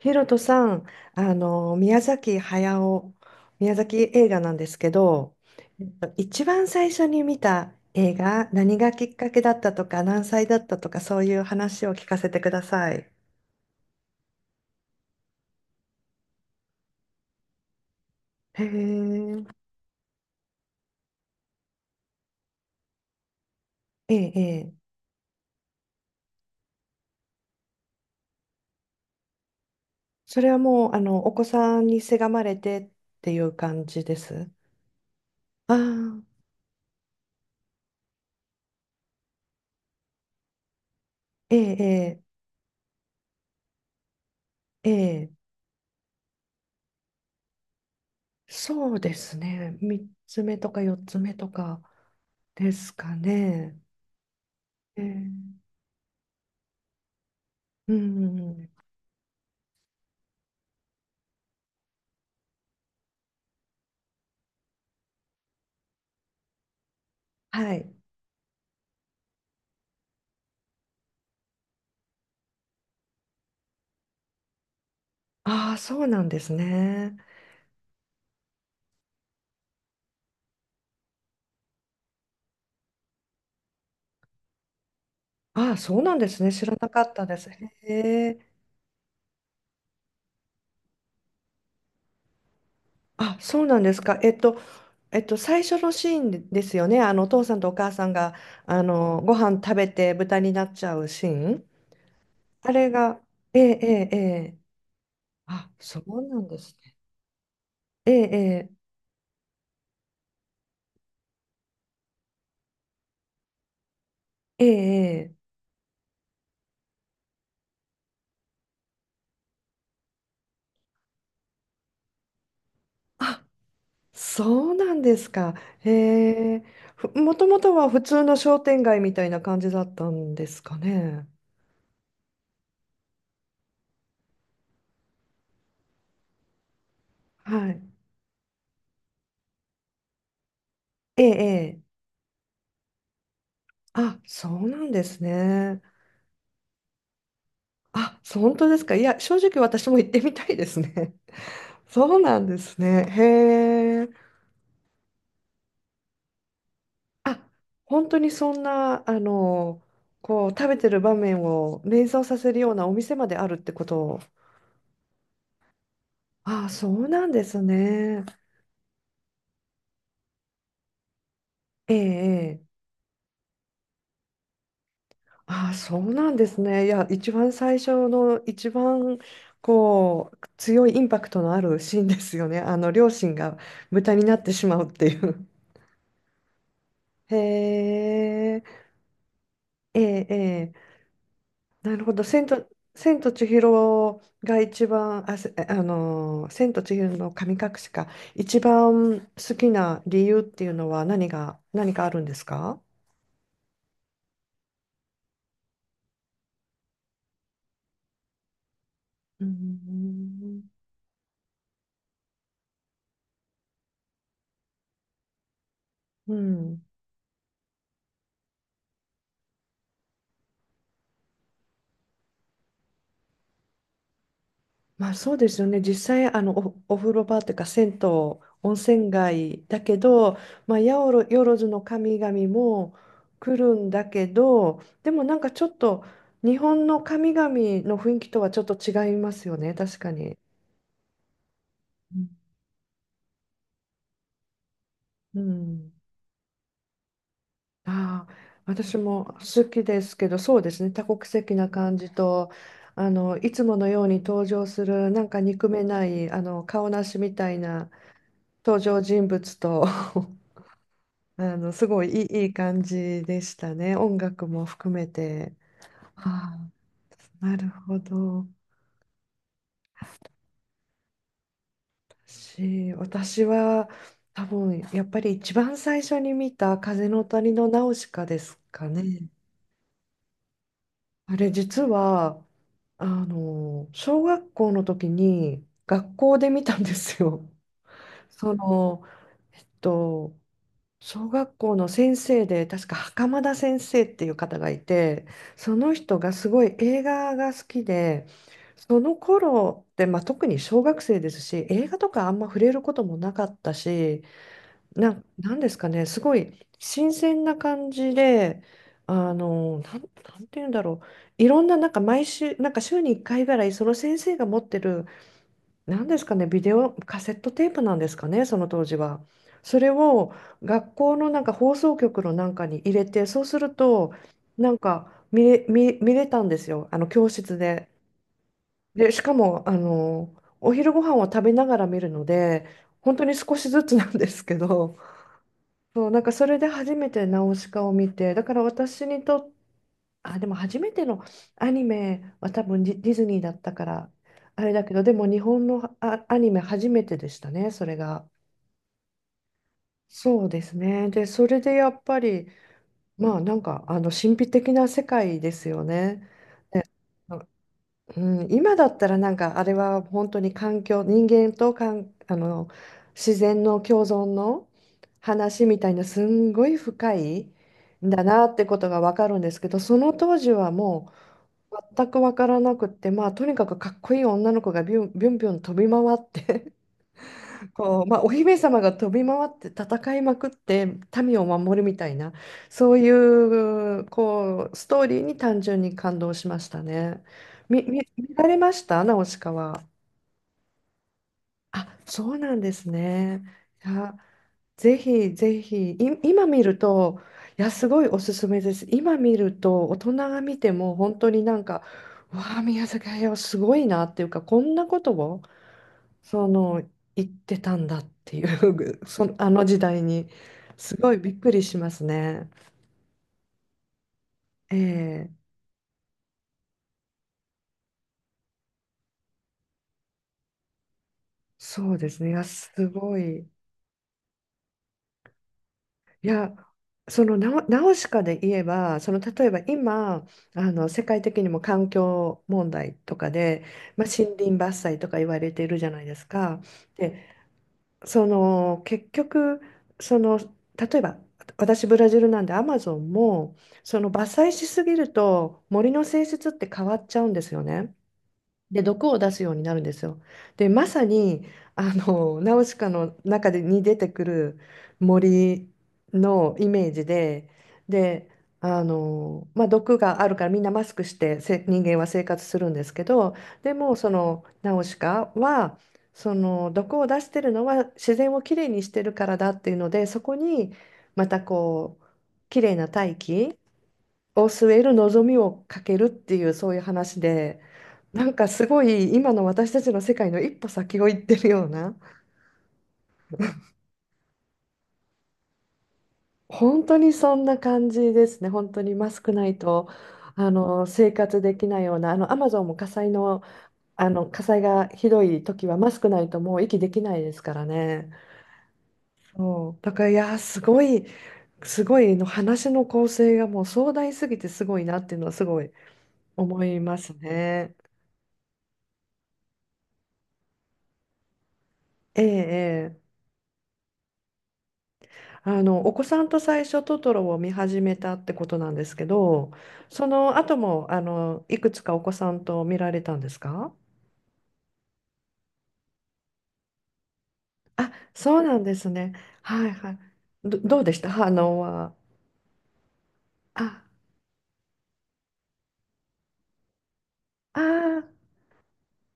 ヒロトさん、宮崎駿、宮崎映画なんですけど、一番最初に見た映画、何がきっかけだったとか、何歳だったとか、そういう話を聞かせてください。へえ、ええ、ええ、それはもう、お子さんにせがまれてっていう感じですああ、ええ、ええ、ええ、そうですね。3つ目とか4つ目とかですかね。ええ、うん、うん、はい。ああ、そうなんですね。ああ、そうなんですね。知らなかったです。へえ。あ、そうなんですか。最初のシーンでですよね。お父さんとお母さんが、ご飯食べて豚になっちゃうシーン。あれが、ええ、ええ、ええ。あ、そうなんですね。ええ、ええ、ええ。ええ、あ、そうなんですか。へえ。もともとは普通の商店街みたいな感じだったんですかね。はい。ええ、え、あ、そうなんですね。あ、そう、本当ですか。いや、正直私も行ってみたいですね。そうなんですね。へえ。あ、本当にそんな、こう、食べてる場面を連想させるようなお店まであるってことを。あ、そうなんですね。ええ、ええ、あ、そうなんですね。いや、一番最初の、一番、こう、強いインパクトのあるシーンですよね。両親が豚になってしまうっていう。へえ、ええ、ええ、なるほど。千と千尋が一番、あの、千と千尋の神隠しか、一番好きな理由っていうのは何かあるんですか？うん。うん、まあそうですよね。実際、あの、お風呂場というか、銭湯、温泉街だけど、まあ、やおろ、よろずの神々も来るんだけど、でもなんかちょっと、日本の神々の雰囲気とはちょっと違いますよね、確かに。うん。ああ、私も好きですけど、そうですね、多国籍な感じと、いつものように登場する、なんか憎めない、顔なしみたいな登場人物と すごいいい感じでしたね。音楽も含めて。ああ、なるほど。私は多分やっぱり一番最初に見た「風の谷のナウシカ」ですかね。あれ実は小学校の時に学校で見たんですよ。その、えっと小学校の先生で確か袴田先生っていう方がいて、その人がすごい映画が好きで、その頃って、まあ、特に小学生ですし映画とかあんま触れることもなかったし、なんですかね、すごい新鮮な感じで、なんて言うんだろう、いろんな、なんか毎週、なんか週に1回ぐらいその先生が持ってる、何ですかね、ビデオ、カセットテープなんですかね、その当時は。それを学校のなんか放送局のなんかに入れて、そうすると、なんか見れたんですよ、あの教室で。で、しかも、お昼ご飯を食べながら見るので、本当に少しずつなんですけど、そう、なんかそれで初めてナウシカを見て、だから私にとっあ、でも初めてのアニメは多分ディズニーだったから、あれだけど、でも日本のアニメ初めてでしたね、それが。そうですね。で、それでやっぱり、まあなんか、神秘的な世界ですよね。うん、今だったらなんかあれは本当に環境、人間とか、自然の共存の話みたいな、すんごい深いんだなってことが分かるんですけど、その当時はもう全く分からなくって、まあとにかくかっこいい女の子がビュンビュンビュン飛び回って こう、まあ、お姫様が飛び回って戦いまくって民を守るみたいな、そういう、こうストーリーに単純に感動しましたね。見られましたナウシカは。あ、そうなんですね。いや、ぜひぜひ、今見ると、いや、すごいおすすめです。今見ると、大人が見ても本当になんか、わあ、宮崎駿すごいなっていうか、こんなことを。その行ってたんだっていう そのあの時代にすごいびっくりしますね。ええ、そうですね。いや、すごい。いや、その、ナウシカで言えば、その、例えば今、世界的にも環境問題とかで、まあ、森林伐採とか言われているじゃないですか。で、その結局その例えば、私ブラジルなんでアマゾンも、その伐採しすぎると森の性質って変わっちゃうんですよね。で、毒を出すようになるんですよ。で、まさに、ナウシカの中でに出てくる森のイメージで、で、まあ、毒があるからみんなマスクして人間は生活するんですけど、でもそのナウシカは、その毒を出してるのは自然をきれいにしてるからだっていうので、そこにまたこう、きれいな大気を据える望みをかけるっていう、そういう話で、なんかすごい今の私たちの世界の一歩先を行ってるような、本当にそんな感じですね。本当にマスクないと生活できないような、あのアマゾンも火災の、あの火災がひどい時はマスクないともう息できないですからね。そう、だから、いやーすごい、すごいの話の構成がもう壮大すぎてすごいなっていうのは、すごい思いますね。ええ、ええ、お子さんと最初トトロを見始めたってことなんですけど、その後も、いくつかお子さんと見られたんですか？あ、そうなんですね。はいはい。どうでした、反応は。あ、あ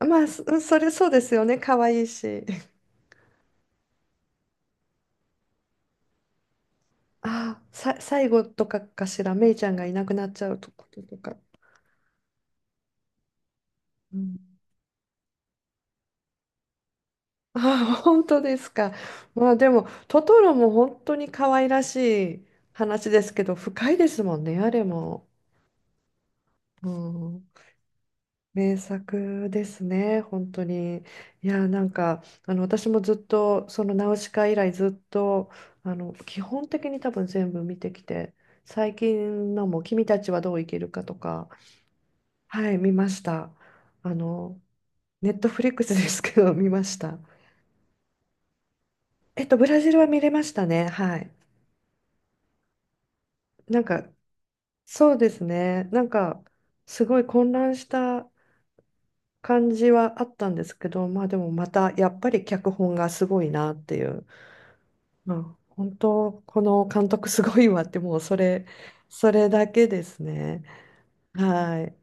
ー、まあ、それそうですよね。可愛いし。あー、最後とかかしら、メイちゃんがいなくなっちゃうとこととか。うん、あ、本当ですか。まあでも、トトロも本当に可愛らしい話ですけど、深いですもんね、あれも。うん、名作ですね、本当に。いや、なんか、私もずっと、そのナウシカ以来ずっと、基本的に多分全部見てきて、最近のも、君たちはどう生きるかとか、はい、見ました。あの、ネットフリックスですけど、見ました。ブラジルは見れましたね、はい。なんか、そうですね。なんか、すごい混乱した感じはあったんですけど、まあでもまた、やっぱり脚本がすごいなっていう。まあ、本当、この監督すごいわって、もうそれだけですね。はい。